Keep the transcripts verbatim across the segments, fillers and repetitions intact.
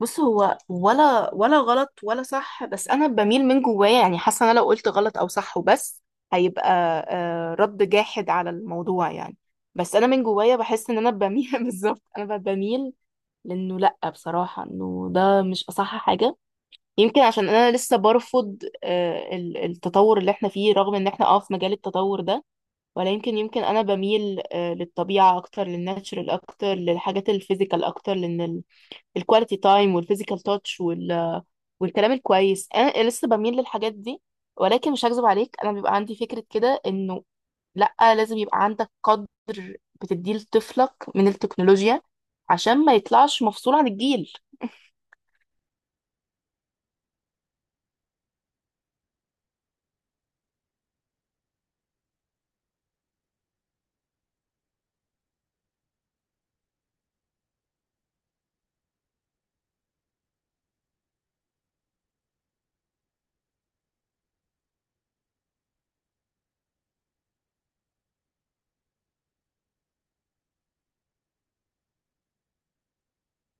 بص، هو ولا ولا غلط ولا صح، بس انا بميل من جوايا. يعني حاسه انا لو قلت غلط او صح وبس هيبقى آه، رد جاحد على الموضوع يعني. بس انا من جوايا بحس ان انا بميل بالظبط انا ب- بميل لانه. لا بصراحه انه ده مش اصح حاجه. يمكن عشان انا لسه برفض، آه، ال- التطور اللي احنا فيه، رغم ان احنا اه في مجال التطور ده. ولا يمكن، يمكن انا بميل آه، للطبيعه اكتر، للناتشرال اكتر، للحاجات الفيزيكال اكتر. لان الكواليتي تايم والفيزيكال تاتش وال... والكلام الكويس انا لسه بميل للحاجات دي. ولكن مش هكذب عليك، انا بيبقى عندي فكرة كده انه لا، لازم يبقى عندك قدر بتديه لطفلك من التكنولوجيا عشان ما يطلعش مفصول عن الجيل.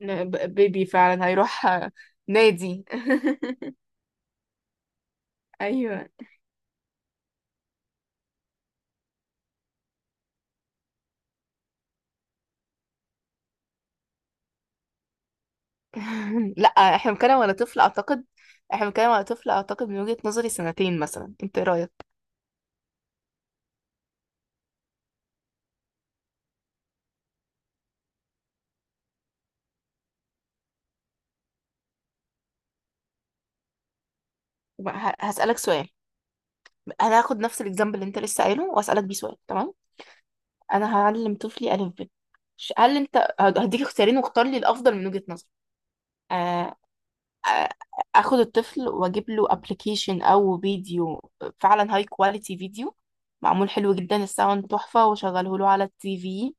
ن- ب- بيبي فعلا هيروح آه، نادي. ايوه. لا، احنا بنتكلم على طفل اعتقد، احنا بنتكلم على طفل اعتقد من وجهة نظري سنتين مثلا. انت ايه رايك؟ بقى ه- هسألك سؤال. انا هاخد نفس الاكزامبل اللي انت لسه قايله واسالك بيه سؤال، تمام؟ انا هعلم طفلي الف ب. ش- هل انت هد- هديك اختيارين واختار لي الافضل من وجهة نظرك. آه، آه، اخد الطفل واجيب له ابلكيشن او فيديو، فعلا هاي كواليتي فيديو، معمول حلو جدا، الساوند تحفة، واشغله له على التي في،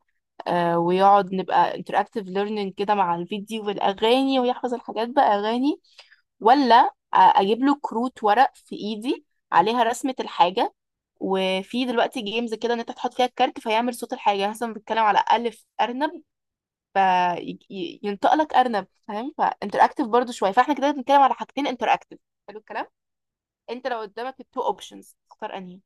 آه، ويقعد نبقى interactive learning كده مع الفيديو والأغاني، ويحفظ الحاجات بأغاني. ولا آه، أجيب له كروت ورق في إيدي عليها رسمة الحاجة، وفي دلوقتي جيمز كده ان انت تحط فيها الكارت فيعمل صوت الحاجه، يعني مثلا بتتكلم على الف ارنب فينطق لك ارنب، فاهم؟ فانتراكتيف برضو شويه. فاحنا كده بنتكلم على حاجتين انتراكتيف، حلو الكلام. انت لو قدامك التو اوبشنز، تختار انهي؟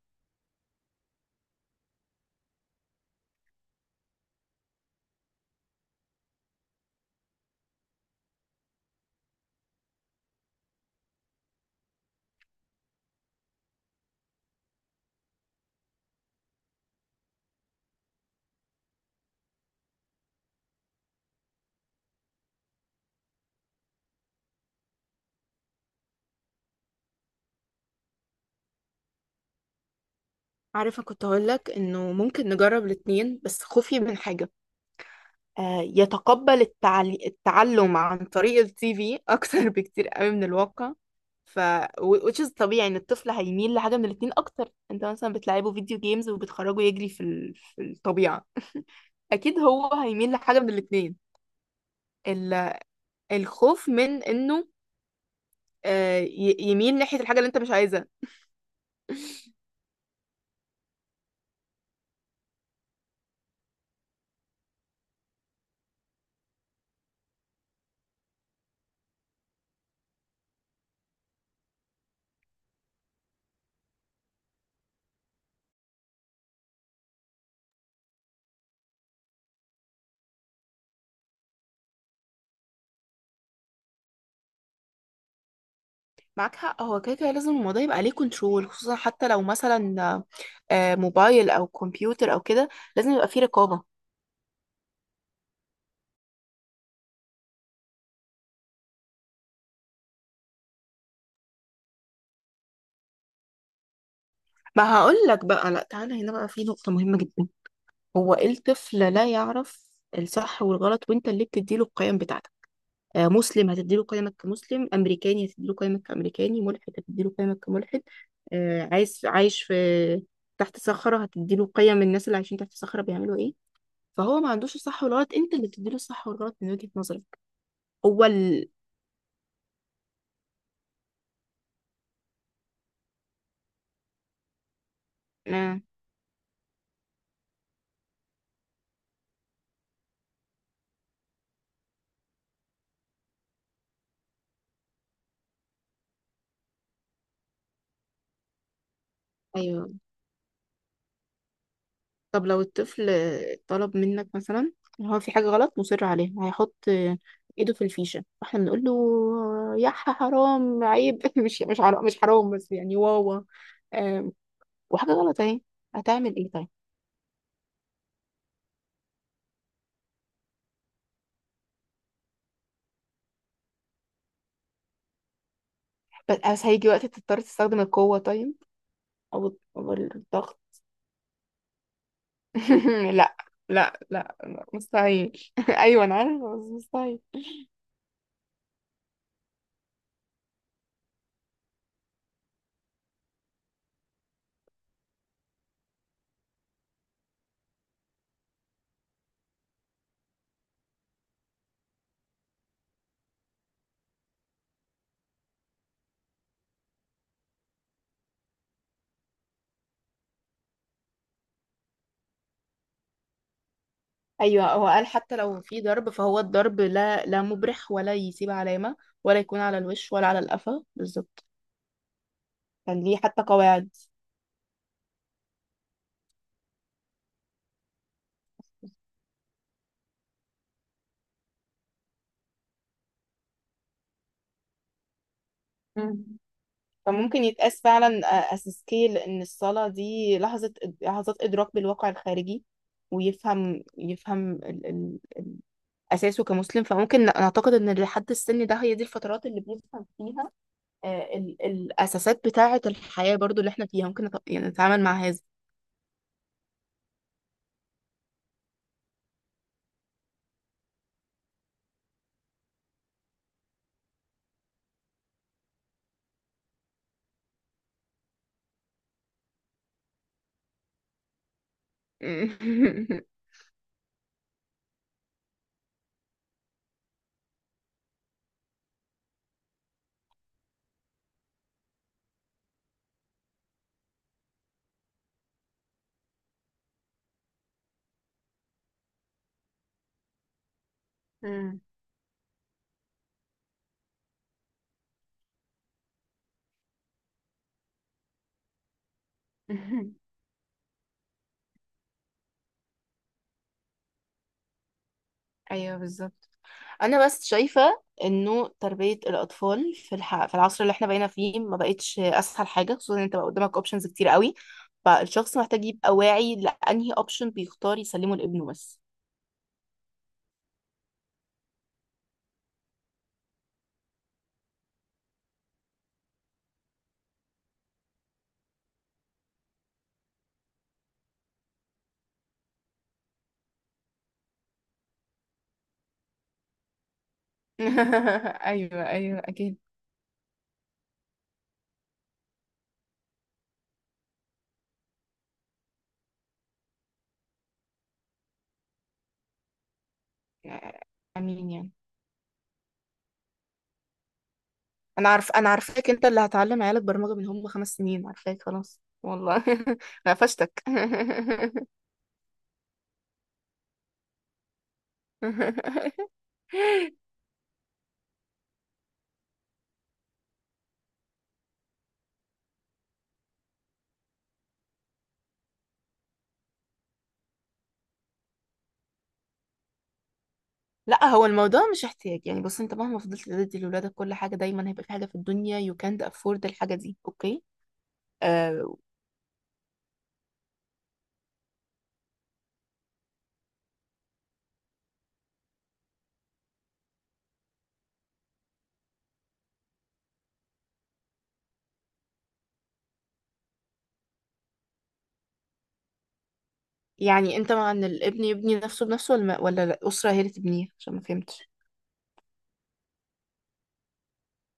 عارفة كنت هقولك انه ممكن نجرب الاتنين، بس خوفي من حاجة، آه، يتقبل التعل... التعلم عن طريق التي في اكتر بكتير قوي من الواقع. ف و- which is طبيعي ان الطفل هيميل لحاجه من الاتنين اكتر. انت مثلا بتلعبه فيديو جيمز وبتخرجه يجري في ال... في الطبيعه، اكيد هو هيميل لحاجه من الاتنين. ال... الخوف من انه آه، ي- يميل ناحيه الحاجه اللي انت مش عايزها. معاك حق، هو كده كده لازم الموضوع يبقى عليه كنترول، خصوصا حتى لو مثلا آه، موبايل او كمبيوتر او كده، لازم يبقى فيه رقابه. ما هقول لك بقى، لا تعالى هنا بقى، في نقطة مهمة جدا. هو إيه، الطفل لا يعرف الصح والغلط، وانت اللي بتديله القيم بتاعتك. آه مسلم هتديله قيمك كمسلم، امريكاني هتديله قيمك كامريكاني، ملحد هتديله قيمك كملحد. آه عايز عايش في تحت صخرة، هتديله قيم الناس اللي عايشين تحت صخرة بيعملوا ايه. فهو ما عندوش الصح والغلط، انت اللي بتديله الصح والغلط من وجهة نظرك. هو ال... آه. ايوه. طب لو الطفل طلب منك مثلا إن هو في حاجة غلط مصر عليها، هيحط ايده في الفيشة، فاحنا بنقول له يا ح- حرام، عيب. مش مش حرام مش حرام، بس يعني واوا. آم، وحاجة غلط اهي، هتعمل ايه طيب؟ بس بس هيجي وقت تضطر تستخدم القوة، طيب، او أو الضغط. لا، لا، لا، مستحيل. ايوه انا عارفة، بس مستحيل. ايوه، هو قال حتى لو في ضرب، فهو الضرب لا، لا مبرح ولا يسيب علامة، ولا يكون على الوش ولا على القفا، بالظبط. كان ليه حتى قواعد. مم. فممكن يتقاس فعلا أس سكيل. إن الصلاة دي لحظة، لحظات إدراك بالواقع الخارجي، ويفهم، يفهم ال... ال... أساسه كمسلم. فممكن نعتقد إن لحد السن ده هي دي الفترات اللي بيفهم فيها آه، ال... الأساسات بتاعة الحياة برضو اللي إحنا فيها، ممكن نت... يعني نتعامل مع هذا. مم. ايوه بالظبط. انا بس شايفه انه تربيه الاطفال في الح... في العصر اللي احنا بقينا فيه ما بقتش اسهل حاجه، خصوصا ان انت بقى قدامك اوبشنز كتير قوي. فالشخص محتاج يبقى واعي لانهي اوبشن بيختار يسلمه لابنه، بس. ايوه ايوه اكيد. امين يعني. انا عارف انا عارفاك، انت اللي هتعلم عيالك برمجه من هم خمس سنين. عارفاك خلاص والله. انا قفشتك. لا، هو الموضوع مش احتياج. يعني بص، انت مهما فضلت تدي لولادك كل حاجه، دايما هيبقى في حاجه في الدنيا you can't afford الحاجه دي، اوكي؟ آه. يعني انت مع ان الابن يبني نفسه بنفسه ولا ولا الاسره هي اللي تبنيه؟ عشان ما فهمتش.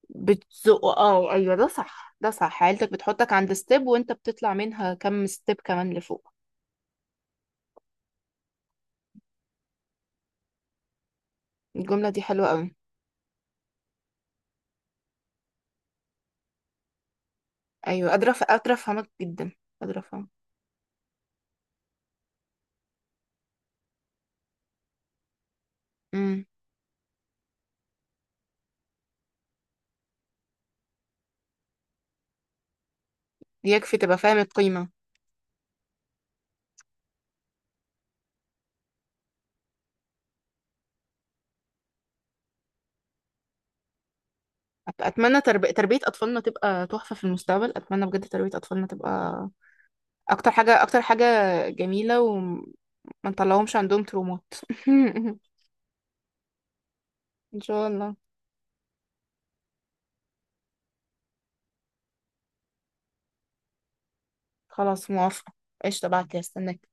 بتزقه، اه، ايوه، ده صح ده صح، عيلتك بتحطك عند ستيب وانت بتطلع منها كم ستيب كمان لفوق. الجمله دي حلوه قوي. ايوه قادره أف- قادره افهمك جدا. قادره افهم. امم. يكفي تبقى فاهم القيمه. أت- اتمنى ترب... تربيه اطفالنا تبقى تحفه في المستقبل. اتمنى بجد تربيه اطفالنا تبقى اكتر حاجة، اكتر حاجة جميلة، وما نطلعهمش عندهم ترومات. ان شاء الله. خلاص موافقة، قشطة، بعد كده استناك.